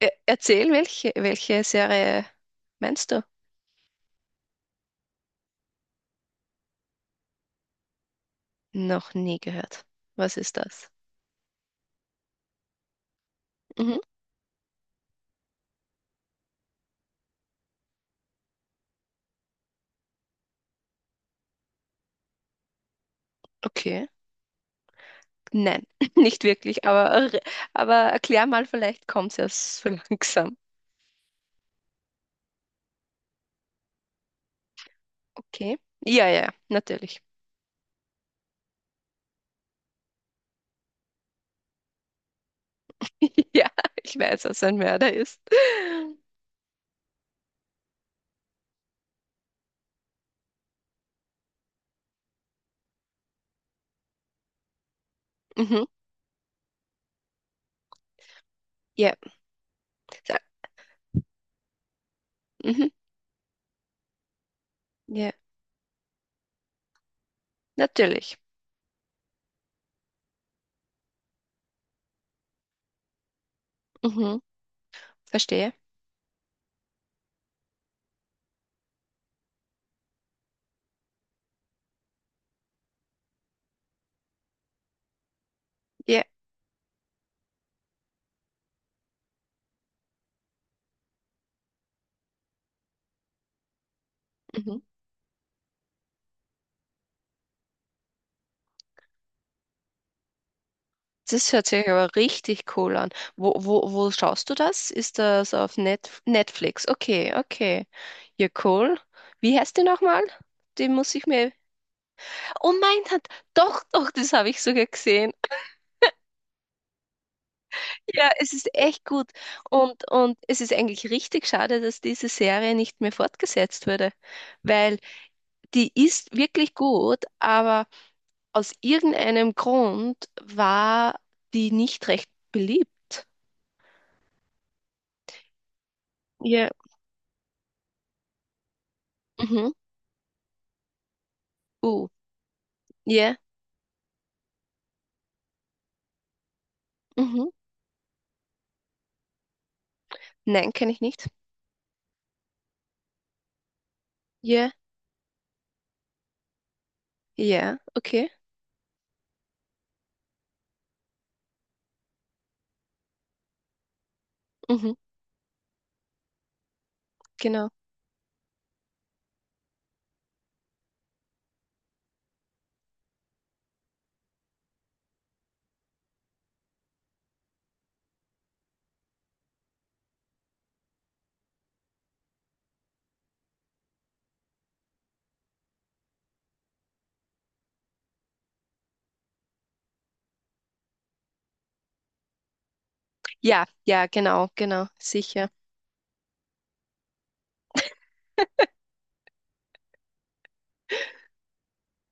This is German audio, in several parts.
Erzähl, welche, welche Serie meinst du? Noch nie gehört. Was ist das? Mhm. Okay. Nein, nicht wirklich, aber erklär mal, vielleicht kommt es erst so langsam. Okay. Ja, ja, natürlich. Ja, ich weiß, was ein Mörder ist. Mhm. Ja, Sa- mhm. Ja, natürlich. Mhm. Verstehe. Ja. Mhm. Das hört sich aber richtig cool an. Wo schaust du das? Ist das auf Netflix? Okay, okay. Ja, cool. Wie heißt die nochmal? Die muss ich mir. Oh mein Gott, doch, doch, das habe ich sogar gesehen. Ja, es ist echt gut. Und es ist eigentlich richtig schade, dass diese Serie nicht mehr fortgesetzt wurde, weil die ist wirklich gut, aber aus irgendeinem Grund war die nicht recht beliebt. Ja. Mhm. Uh. Ja, mhm. Nein, kenne ich nicht. Ja, ja, okay. Mhm, genau. Ja, ja, genau, genau, sicher.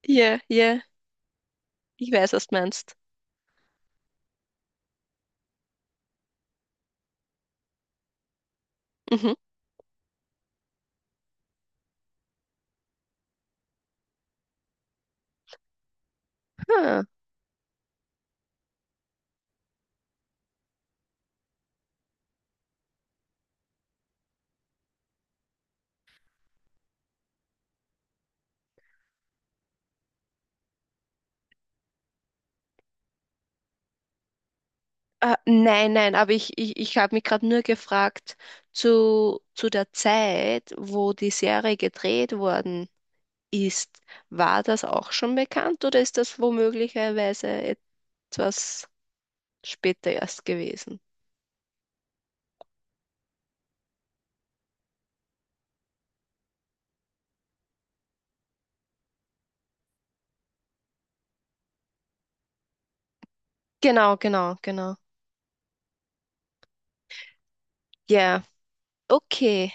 Ja, ja, ich weiß, was du meinst. Mhm. Hm. Nein, nein, aber ich habe mich gerade nur gefragt zu der Zeit, wo die Serie gedreht worden ist. War das auch schon bekannt oder ist das womöglicherweise etwas später erst gewesen? Genau, genau, genau. Ja, okay,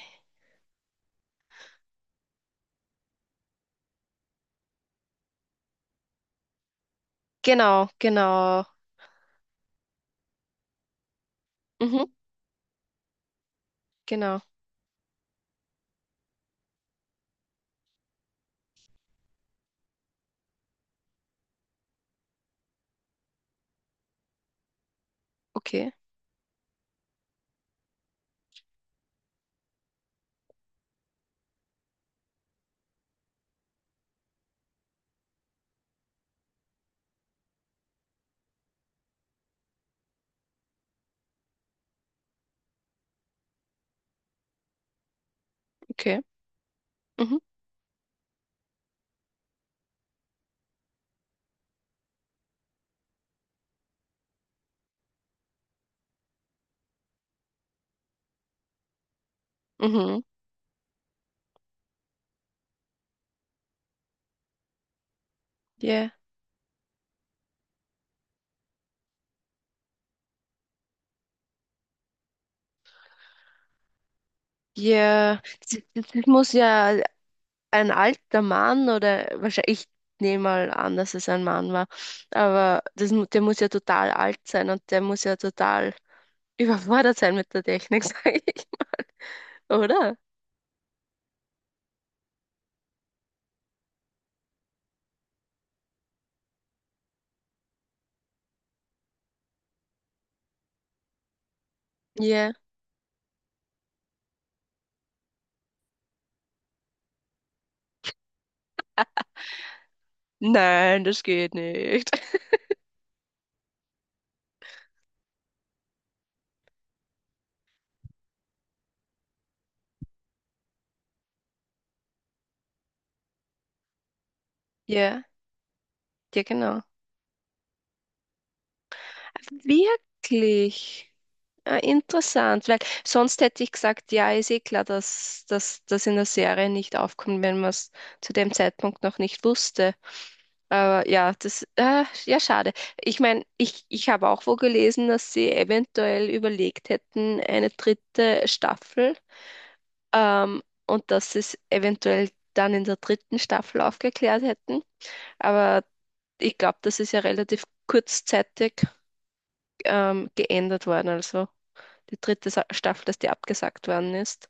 genau, genau. Mhm, genau. Okay, okay. Mhm, mhm. Ja, ja, das, das muss ja ein alter Mann oder wahrscheinlich, ich nehme mal an, dass es ein Mann war, aber das, der muss ja total alt sein und der muss ja total überfordert sein mit der Technik, sage ich. Oder? Ja, nein, das geht nicht. Ja, ja, genau. Wirklich? Ah, interessant, weil sonst hätte ich gesagt, ja, ist eh klar, dass das in der Serie nicht aufkommt, wenn man es zu dem Zeitpunkt noch nicht wusste. Aber ja, das, ja, schade. Ich meine, ich habe auch wo gelesen, dass sie eventuell überlegt hätten, eine dritte Staffel, ähm, und dass sie es eventuell dann in der dritten Staffel aufgeklärt hätten. Aber ich glaube, das ist ja relativ kurzzeitig geändert worden. Also die dritte Sa Staffel, dass die abgesagt worden ist.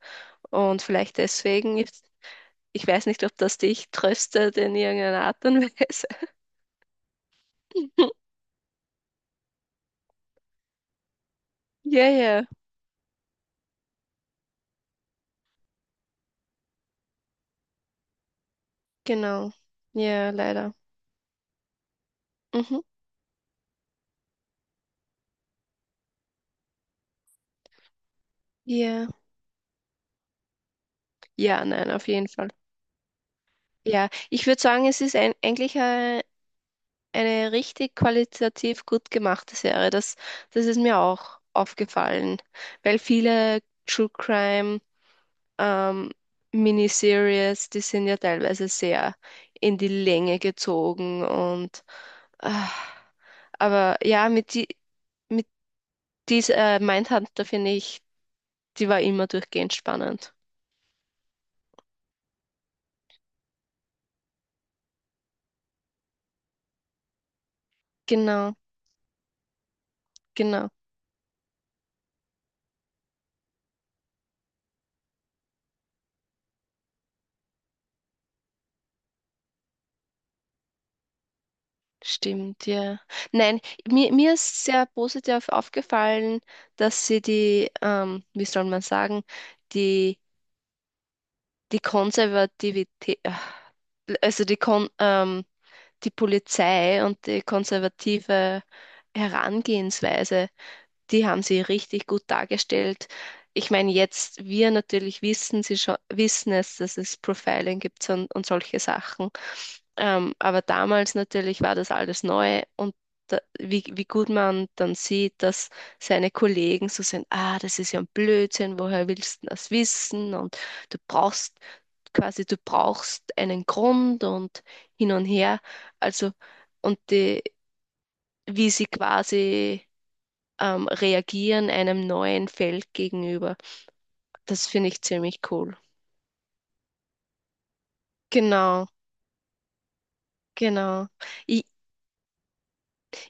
Und vielleicht deswegen, ich weiß nicht, ob das dich tröstet in irgendeiner Art und Weise. Ja, ja, genau. Ja, leider. Mhm. Ja, ja, nein, auf jeden Fall. Ja, ich würde sagen, es ist ein, eigentlich eine richtig qualitativ gut gemachte Serie. Das, das ist mir auch aufgefallen, weil viele True Crime ähm, Miniseries, die sind ja teilweise sehr in die Länge gezogen und ah, aber ja, mit die mit dieser Mindhunter finde ich, die war immer durchgehend spannend. Genau, genau. Stimmt, ja. Nein, mir, mir ist sehr positiv aufgefallen, dass sie die, wie soll man sagen, die, die Konservativität, ah, also die Kon, die Polizei und die konservative Herangehensweise die haben sie richtig gut dargestellt. Ich meine, jetzt wir natürlich wissen, sie schon, wissen es, dass es Profiling gibt und solche Sachen. Aber damals natürlich war das alles neu und da, wie, wie gut man dann sieht, dass seine Kollegen so sind, ah, das ist ja ein Blödsinn, woher willst du das wissen? Und du brauchst quasi, du brauchst einen Grund und hin und her. Also, und die, wie sie quasi reagieren einem neuen Feld gegenüber. Das finde ich ziemlich cool. Genau, genau. Ich,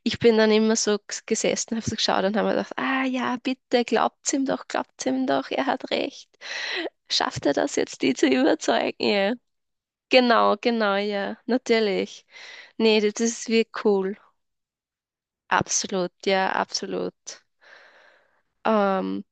ich bin dann immer so gesessen, habe so geschaut und habe mir gedacht, ah ja, bitte, glaubt's ihm doch, er hat recht. Schafft er das jetzt, die zu überzeugen? Ja. Genau, genau, ja, natürlich. Nee, das ist wirklich cool. Absolut, ja, absolut. Ähm,